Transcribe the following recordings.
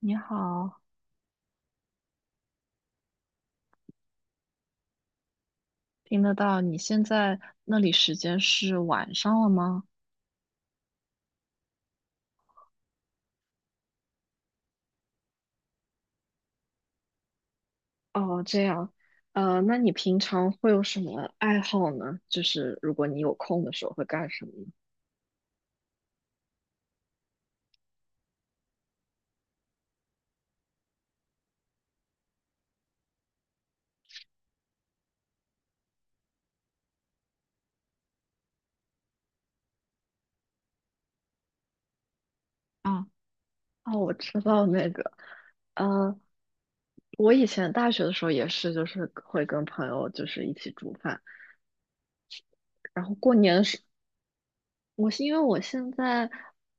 你好，听得到？你现在那里时间是晚上了吗？哦，这样，那你平常会有什么爱好呢？就是如果你有空的时候会干什么呢？啊，哦，我知道那个，呃，我以前大学的时候也是，就是会跟朋友就是一起煮饭，然后过年的时，我是因为我现在，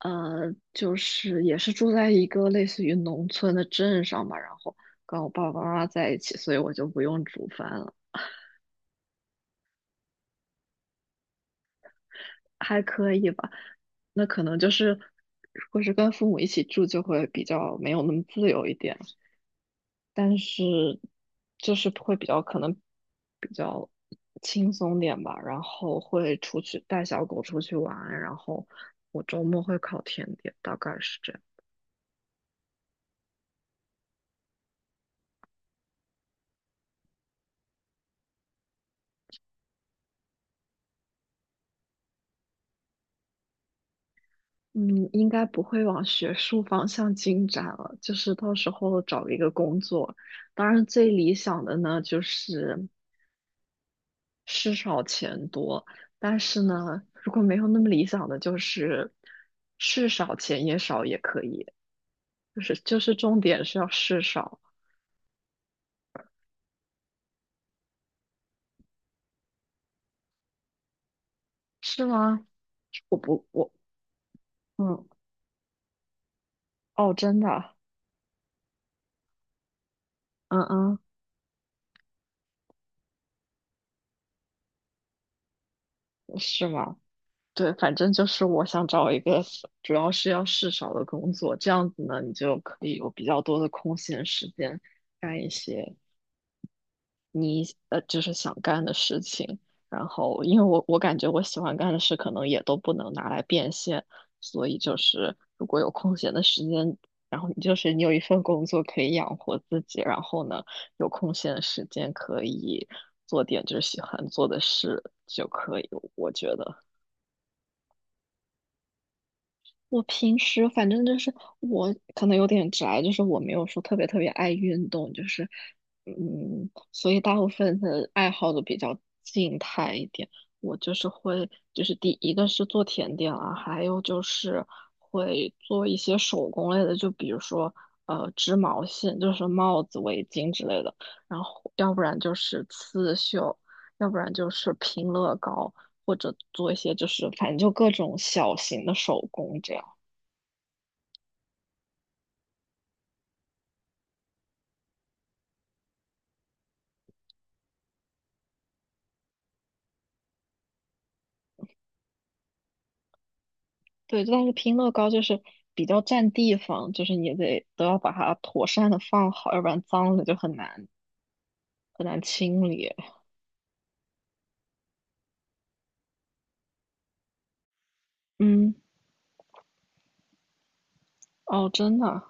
就是也是住在一个类似于农村的镇上吧，然后跟我爸爸妈妈在一起，所以我就不用煮饭了。还可以吧。那可能就是，如果是跟父母一起住，就会比较没有那么自由一点，但是就是会比较可能比较轻松点吧。然后会出去带小狗出去玩，然后我周末会烤甜点，大概是这样。嗯，应该不会往学术方向进展了，就是到时候找一个工作。当然，最理想的呢，就是。事少钱多，但是呢，如果没有那么理想的，就是事少钱也少也可以，就是重点是要事少，是吗？我不我嗯，哦，真的，嗯嗯，是吗？对，反正就是我想找一个主要是要事少的工作，这样子呢，你就可以有比较多的空闲时间干一些你就是想干的事情。然后，因为我感觉我喜欢干的事可能也都不能拿来变现，所以就是如果有空闲的时间，然后你就是你有一份工作可以养活自己，然后呢有空闲的时间可以做点就是喜欢做的事就可以，我觉得。我平时反正就是我可能有点宅，就是我没有说特别爱运动，就是嗯，所以大部分的爱好都比较静态一点。我就是会，就是第一个是做甜点啊，还有就是会做一些手工类的，就比如说织毛线，就是帽子、围巾之类的，然后要不然就是刺绣，要不然就是拼乐高。或者做一些就是反正就各种小型的手工这样。对，但是拼乐高就是比较占地方，就是你得都要把它妥善的放好，要不然脏了就很难清理。嗯，哦，真的啊，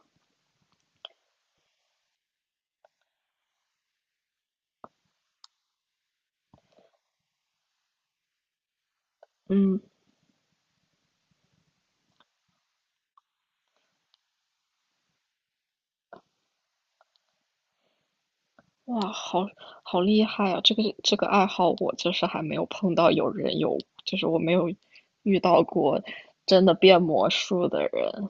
嗯，哇，好好厉害啊！这个爱好我就是还没有碰到有人有，就是我没有遇到过真的变魔术的人。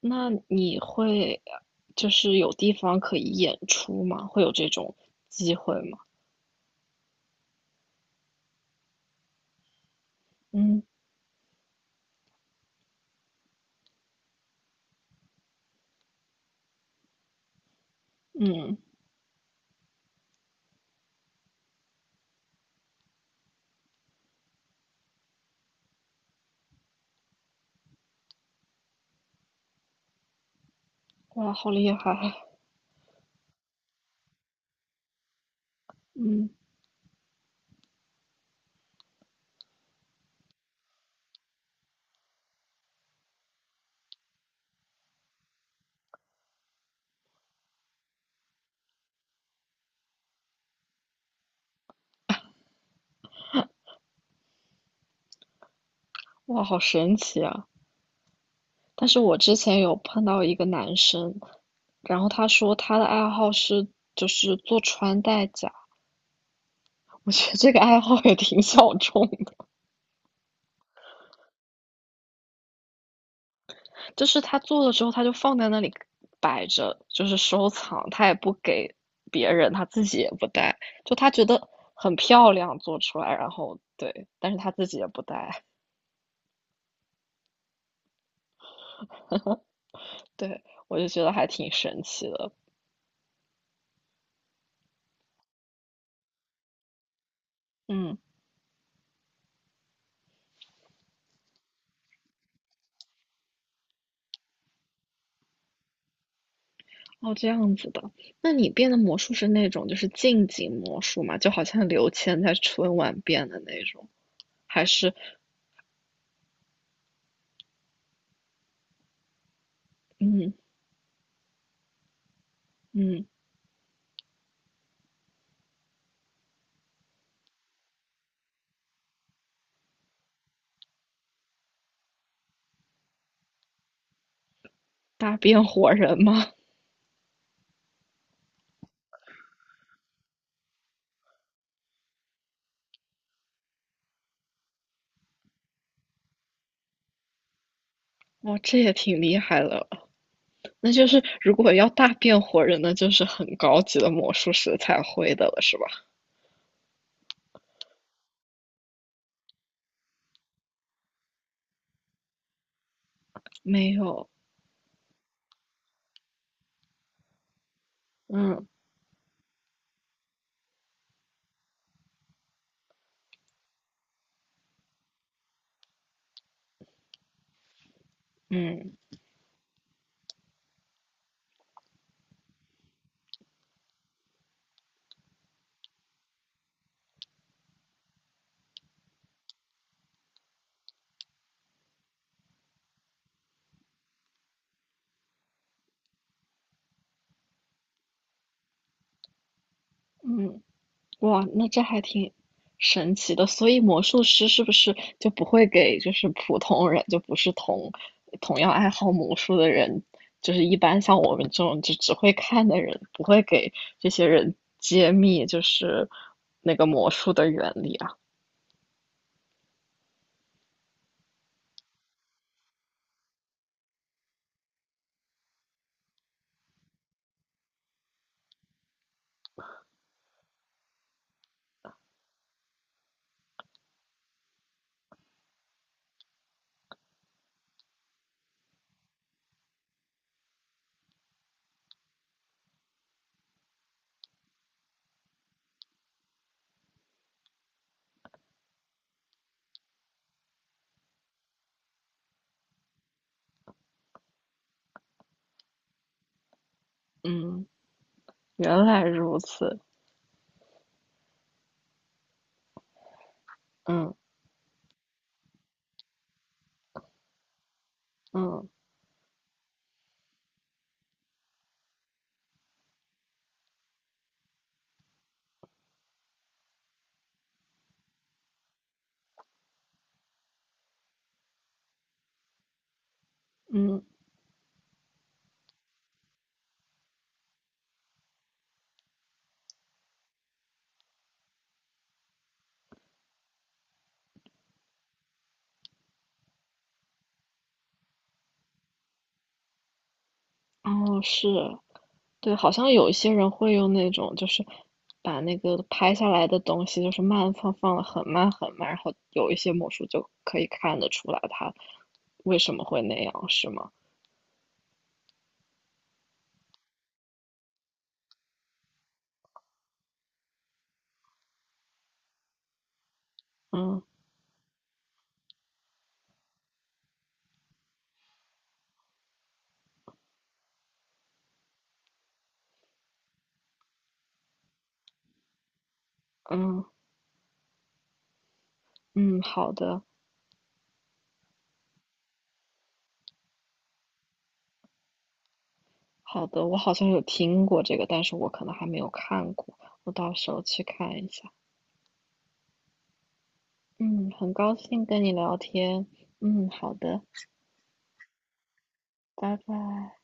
那你会就是有地方可以演出吗？会有这种机会吗？嗯，嗯，哇，好厉害啊，嗯。哇，好神奇啊！但是我之前有碰到一个男生，然后他说他的爱好是就是做穿戴甲，我觉得这个爱好也挺小众的。就是他做了之后他就放在那里摆着，就是收藏，他也不给别人，他自己也不戴，就他觉得很漂亮做出来，然后对，但是他自己也不戴，对，我就觉得还挺神奇的，嗯。哦，这样子的。那你变的魔术是那种就是近景魔术嘛？就好像刘谦在春晚变的那种，还是嗯，嗯，大变活人吗？哦，这也挺厉害的。那就是如果要大变活人，那就是很高级的魔术师才会的了，是吧？没有，嗯，嗯，嗯。哇，那这还挺神奇的。所以魔术师是不是就不会给就是普通人，就不是同样爱好魔术的人，就是一般像我们这种就只会看的人，不会给这些人揭秘就是那个魔术的原理啊？嗯，原来如此。嗯，嗯，嗯，哦，是。对，好像有一些人会用那种，就是把那个拍下来的东西，就是慢放，放的很慢，然后有一些魔术就可以看得出来它为什么会那样，是吗？嗯，嗯，嗯，好的，好的，我好像有听过这个，但是我可能还没有看过，我到时候去看一下。嗯，很高兴跟你聊天。嗯，好的，拜拜。